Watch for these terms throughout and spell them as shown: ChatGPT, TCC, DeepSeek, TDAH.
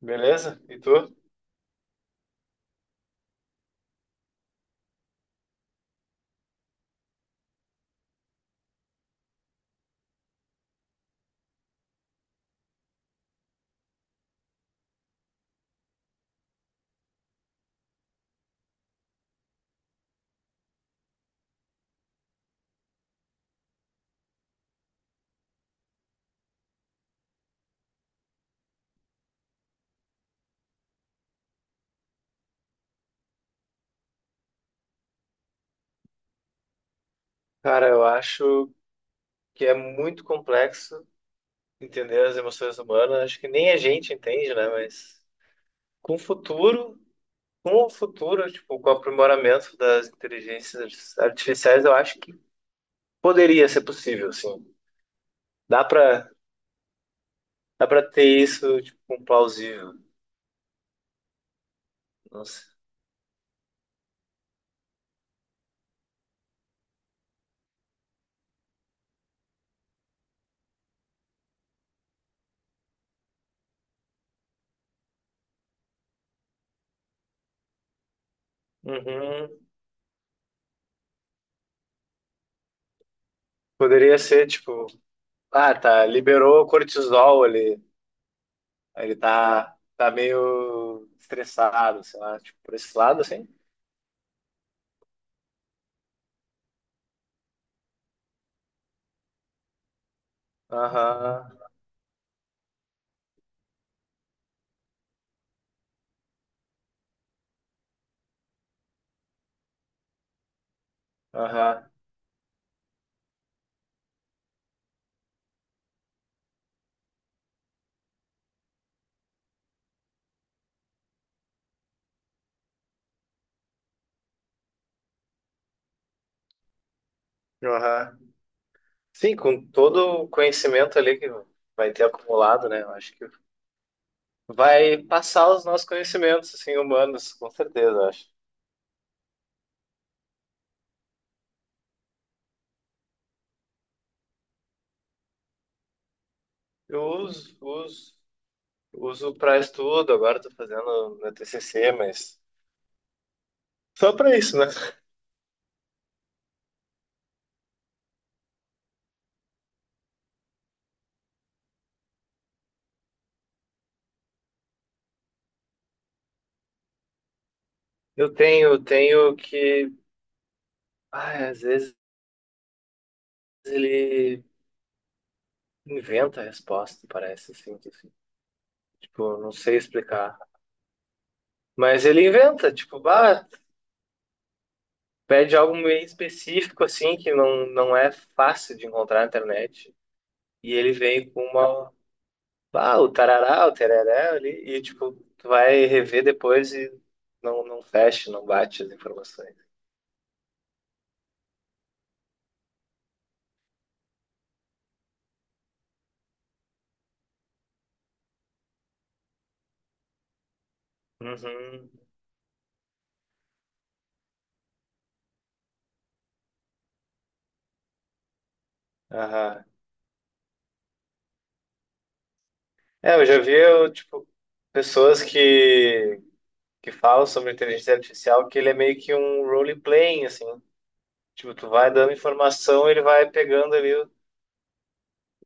Beleza? E tu? Cara, eu acho que é muito complexo entender as emoções humanas. Acho que nem a gente entende, né? Mas com o futuro, com o futuro, tipo, com o aprimoramento das inteligências artificiais, eu acho que poderia ser possível, sim. Dá pra, dá pra ter isso, tipo, com plausível. Nossa. Uhum. Poderia ser, tipo, ah, tá, liberou o cortisol ali, ele tá meio estressado, sei lá, tipo, por esse lado, assim. Aham, aham, aham. Sim, com todo o conhecimento ali que vai ter acumulado, né? Eu acho que vai passar os nossos conhecimentos, assim, humanos, com certeza, eu acho. Eu uso para estudo, agora estou fazendo meu TCC, mas só para isso, né? Eu tenho que, ai, às vezes ele inventa a resposta, parece, assim, tipo, eu não sei explicar. Mas ele inventa, tipo, bah. Pede algo meio específico, assim, que não é fácil de encontrar na internet. E ele vem com uma. Ah, o tarará, o tereré ali. E, tipo, tu vai rever depois e não fecha, não bate as informações. Uhum. Aham. É, eu já vi, eu, tipo, pessoas que falam sobre inteligência artificial, que ele é meio que um role-playing, assim. Tipo, tu vai dando informação, ele vai pegando ali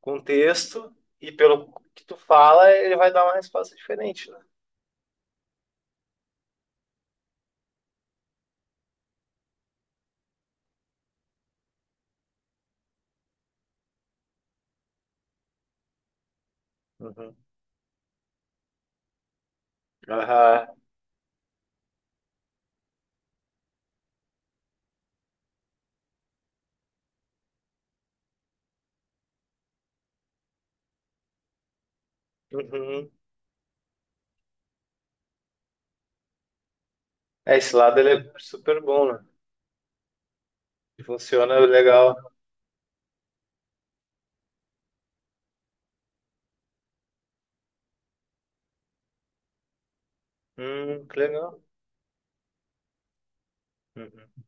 contexto, e pelo que tu fala, ele vai dar uma resposta diferente, né? Uhum. Aham. Uhum. É, esse lado ele é super bom, né? Funciona legal. Que legal. Uhum.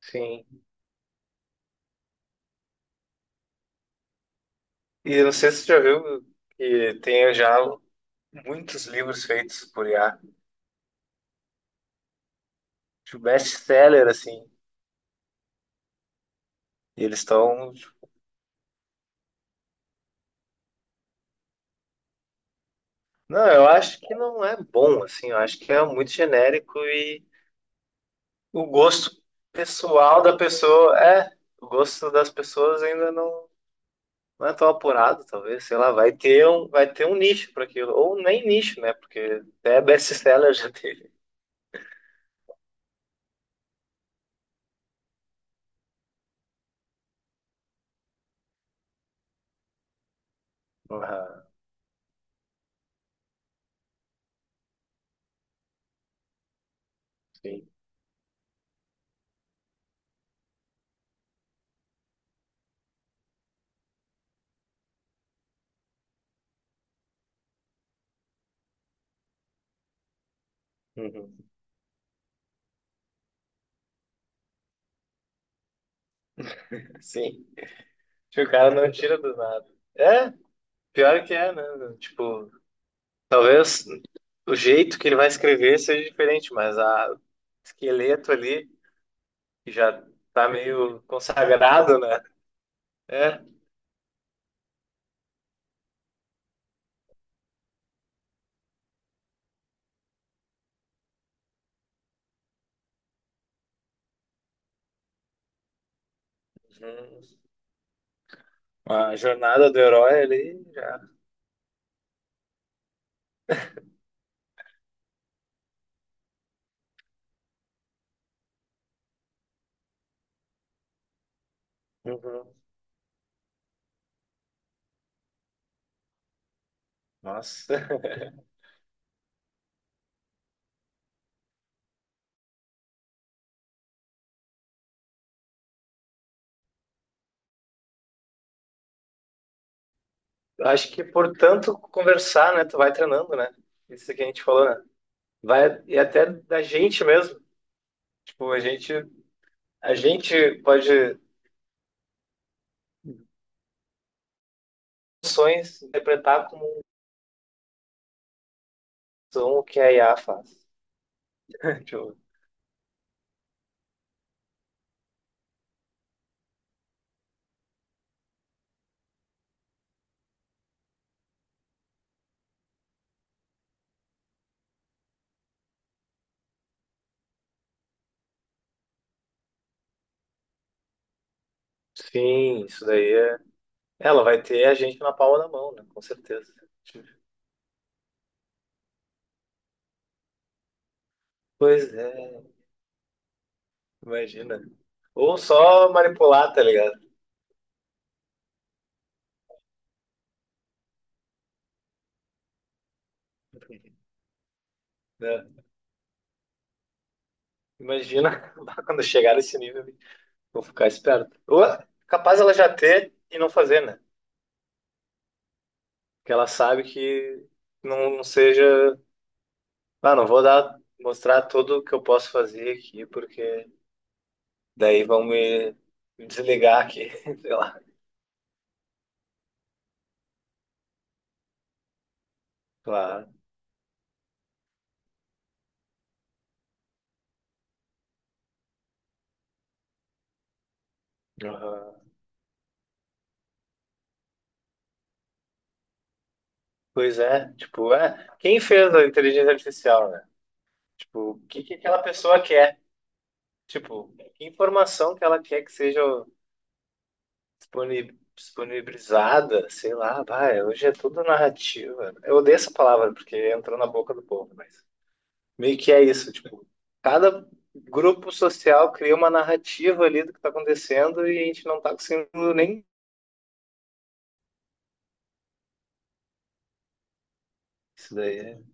Sim. E eu não sei se tu já viu que tem já muitos livros feitos por IA. Tipo, best-seller, assim. E eles estão. Não, eu acho que não é bom, assim. Eu acho que é muito genérico e o gosto pessoal da pessoa. É, o gosto das pessoas ainda não. Não é tão apurado, talvez, sei lá, vai ter um nicho para aquilo, ou nem nicho, né? Porque até best-seller já teve. Ah, sim. Uhum. Sim. Que o cara não tira do nada. É, pior que é, né? Tipo, talvez o jeito que ele vai escrever seja diferente, mas a o esqueleto ali que já tá meio consagrado, né? É. Uhum. A jornada do herói ali já. Uhum. Nossa. Eu acho que portanto conversar, né? Tu vai treinando, né? Isso que a gente falou, né? Vai, e até da gente mesmo. Tipo, a gente pode ações interpretar como são o que a IA faz. Tipo, sim, isso daí é. Ela vai ter a gente na palma da mão, né? Com certeza. Pois é, imagina. Ou só manipular, tá ligado? Né? Imagina quando chegar nesse nível, vou ficar esperto. Ou é capaz ela já ter e não fazer, né? Que ela sabe que não, não seja, ah, não vou dar, mostrar tudo que eu posso fazer aqui, porque daí vão me desligar aqui, sei lá. Claro. Aham. Pois é, tipo, é, quem fez a inteligência artificial, né? Tipo, o que que aquela pessoa quer? Tipo, que informação que ela quer que seja disponibilizada, sei lá, vai, hoje é tudo narrativa. Eu odeio essa palavra porque entrou na boca do povo, mas meio que é isso, tipo, cada grupo social cria uma narrativa ali do que está acontecendo e a gente não está conseguindo nem isso daí. É.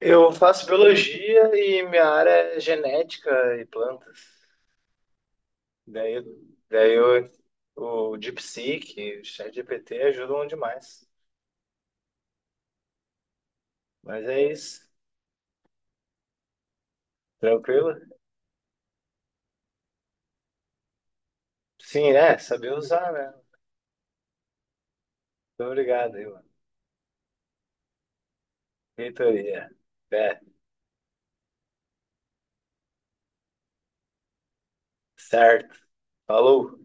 Eu faço biologia e minha área é genética e plantas. Daí, daí eu, o DeepSeek, o ChatGPT ajudam demais. Mas é isso. Tranquilo? Sim, é, saber usar, né? Muito obrigado, aí, mano. Reitoria. É, certo. Falou.